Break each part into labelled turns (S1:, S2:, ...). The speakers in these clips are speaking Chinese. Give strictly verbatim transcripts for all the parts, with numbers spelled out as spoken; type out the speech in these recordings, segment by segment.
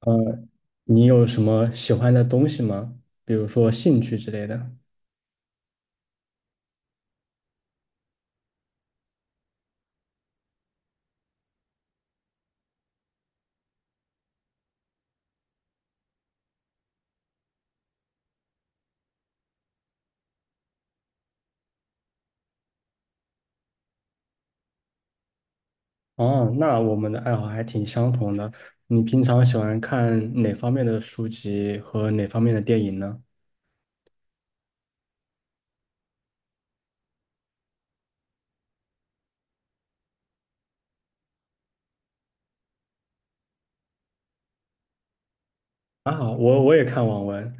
S1: 呃，你有什么喜欢的东西吗？比如说兴趣之类的。哦，那我们的爱好还挺相同的。你平常喜欢看哪方面的书籍和哪方面的电影呢？啊，我我也看网文。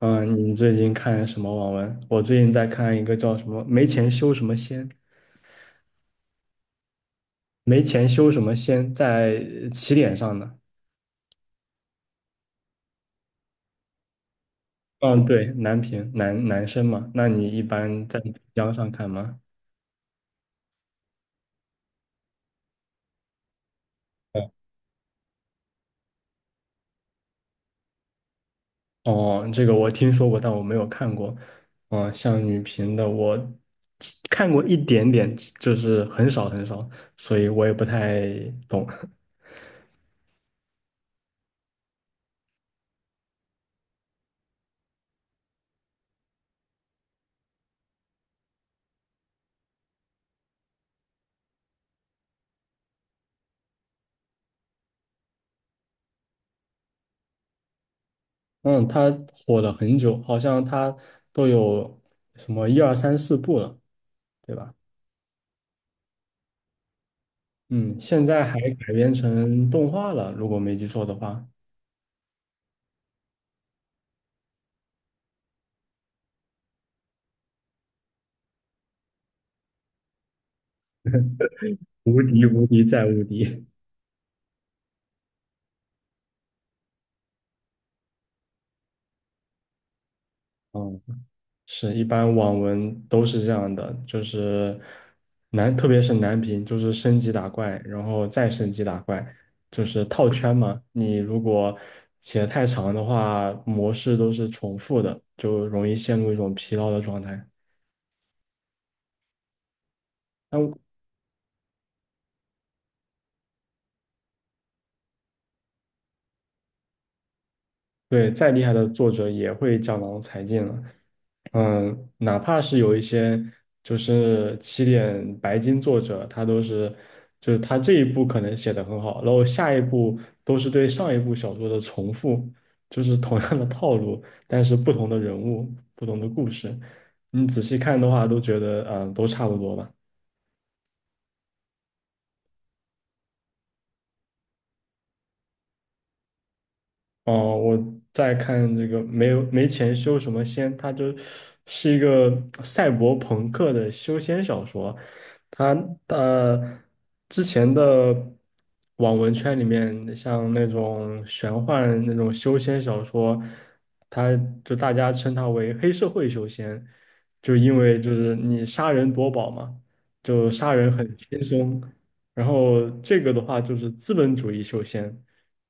S1: 嗯，你最近看什么网文？我最近在看一个叫什么"没钱修什么仙"，没钱修什么仙，在呃起点上的。嗯，对，男频男男生嘛。那你一般在江上看吗？哦，这个我听说过，但我没有看过。嗯，像女频的我看过一点点，就是很少很少，所以我也不太懂。嗯，它火了很久，好像它都有什么一二三四部了，对吧？嗯，现在还改编成动画了，如果没记错的话，无敌无敌再无敌。嗯。是一般网文都是这样的，就是难，特别是难评，就是升级打怪，然后再升级打怪，就是套圈嘛。你如果写得太长的话，模式都是重复的，就容易陷入一种疲劳的状态。那，对，再厉害的作者也会江郎才尽了。嗯，哪怕是有一些就是起点白金作者，他都是，就是他这一部可能写的很好，然后下一部都是对上一部小说的重复，就是同样的套路，但是不同的人物，不同的故事，你仔细看的话，都觉得啊，呃都差不多吧。哦，我在看这个没有没钱修什么仙，他就是一个赛博朋克的修仙小说。他呃之前的网文圈里面，像那种玄幻那种修仙小说，他就大家称它为黑社会修仙，就因为就是你杀人夺宝嘛，就杀人很轻松。然后这个的话就是资本主义修仙。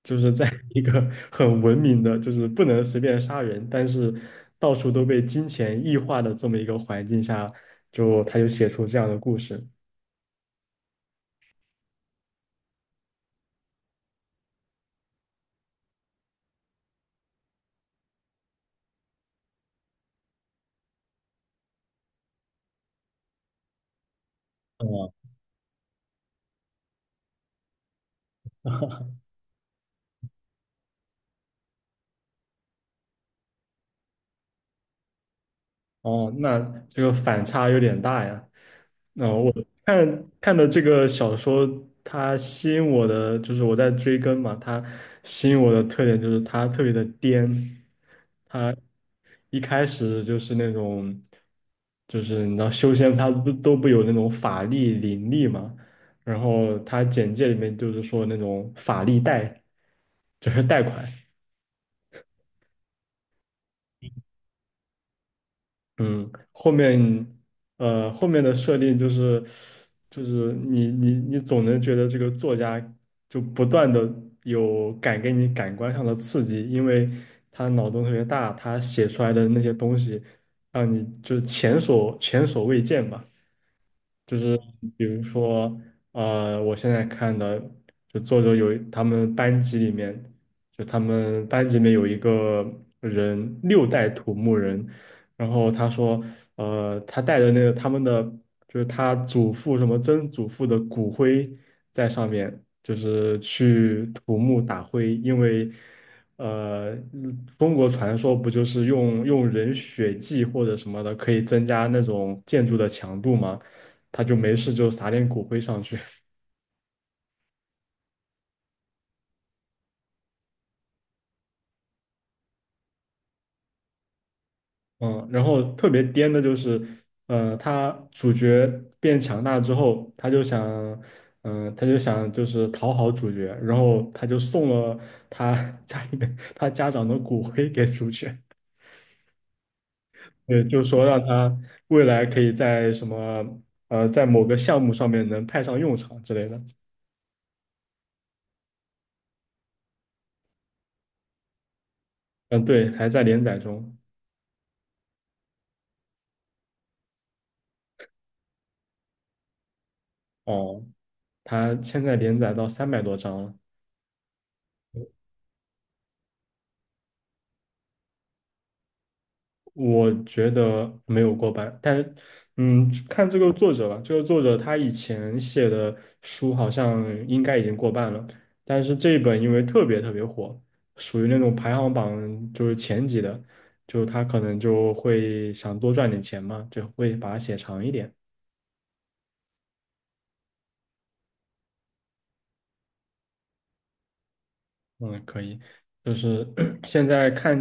S1: 就是在 一个很文明的，就是不能随便杀人，但是到处都被金钱异化的这么一个环境下，就他就写出这样的故事。哦，哦，那这个反差有点大呀。那，我看看的这个小说，它吸引我的就是我在追更嘛，它吸引我的特点就是它特别的颠，它一开始就是那种，就是你知道修仙它不都不有那种法力灵力嘛，然后它简介里面就是说那种法力贷，就是贷款，嗯，后面呃后面的设定就是就是你你你总能觉得这个作家就不断的有感给你感官上的刺激，因为他脑洞特别大，他写出来的那些东西让你就是前所前所未见吧。就是比如说，呃，我现在看的，就作者有他们班级里面，就他们班级里面有一个人六代土木人，然后他说，呃，他带的那个他们的，就是他祖父什么曾祖父的骨灰在上面，就是去土木打灰，因为。呃，嗯，中国传说不就是用用人血祭或者什么的，可以增加那种建筑的强度吗？他就没事就撒点骨灰上去，嗯，然后特别颠的就是，呃，他主角变强大之后，他就想，嗯、他就想就是讨好主角，然后他就送了他 家里面他家长的骨灰给主角，对，就说让他未来可以在什么，呃，在某个项目上面能派上用场之类的，嗯，对，还在连载中，哦，他现在连载到三百多章了，我觉得没有过半，但嗯，看这个作者吧，这个作者他以前写的书好像应该已经过半了，但是这一本因为特别特别火，属于那种排行榜就是前几的，就他可能就会想多赚点钱嘛，就会把它写长一点。嗯，可以，就是 现在看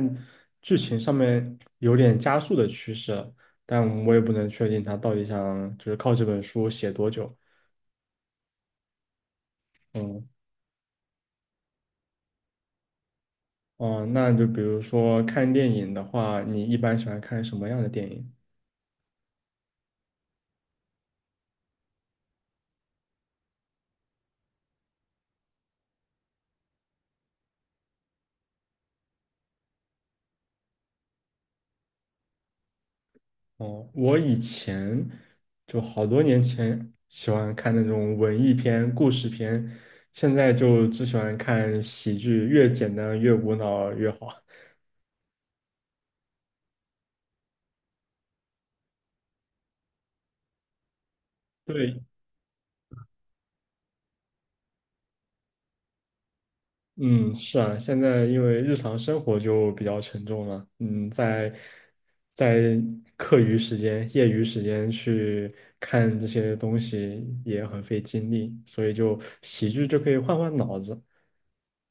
S1: 剧情上面有点加速的趋势了，但我也不能确定他到底想就是靠这本书写多久。嗯。哦，那就比如说看电影的话，你一般喜欢看什么样的电影？哦，我以前就好多年前喜欢看那种文艺片、故事片，现在就只喜欢看喜剧，越简单越无脑越好。对，嗯，是啊，现在因为日常生活就比较沉重了，嗯，在在课余时间、业余时间去看这些东西也很费精力，所以就喜剧就可以换换脑子。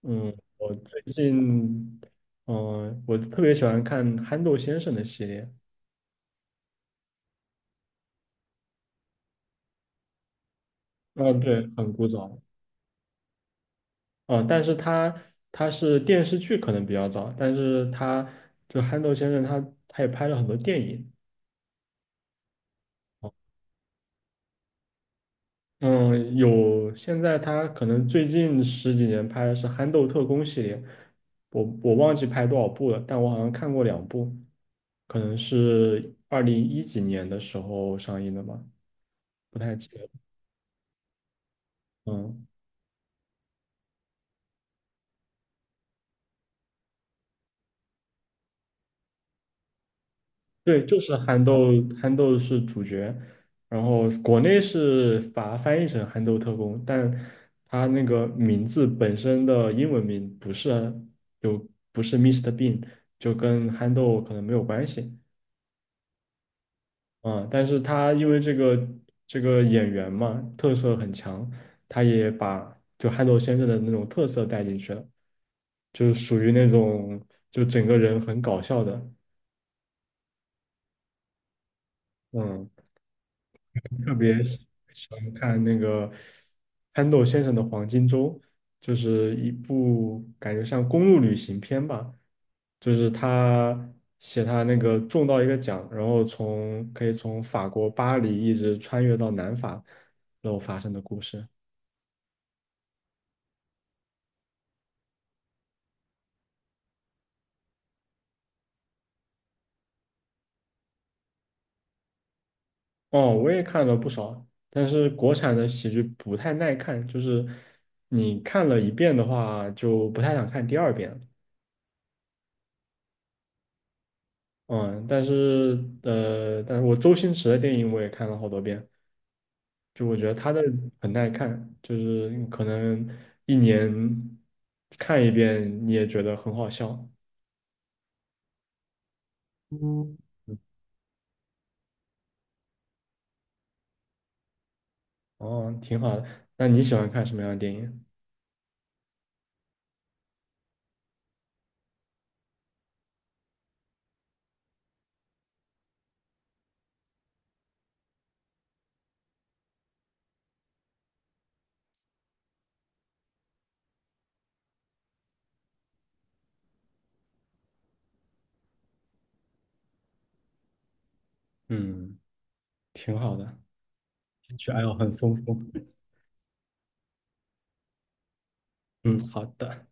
S1: 嗯，我最近，嗯、我特别喜欢看憨豆先生的系列，啊，对，很古早。哦，呃但是他他是电视剧可能比较早，但是他就憨豆先生他他也拍了很多电影。嗯，有，现在他可能最近十几年拍的是《憨豆特工》系列，我我忘记拍多少部了，但我好像看过两部，可能是二零一几年的时候上映的吧，不太记得。嗯，对，就是憨豆，憨豆是主角，然后国内是把它翻译成《憨豆特工》，但他那个名字本身的英文名不是就不是 mister i s t e Bean，就跟憨豆可能没有关系。嗯，但是他因为这个这个演员嘛，特色很强，他也把就憨豆先生的那种特色带进去了，就是属于那种就整个人很搞笑的，嗯，特别喜欢看那个憨豆先生的《黄金周》，就是一部感觉像公路旅行片吧，就是他写他那个中到一个奖，然后从可以从法国巴黎一直穿越到南法，然后发生的故事。哦，我也看了不少，但是国产的喜剧不太耐看，就是你看了一遍的话，就不太想看第二遍了。嗯，但是呃，但是我周星驰的电影我也看了好多遍，就我觉得他的很耐看，就是你可能一年看一遍你也觉得很好笑。嗯，哦，挺好的。那你喜欢看什么样的电影？嗯，挺好的。兴趣爱好很丰富。嗯，好的。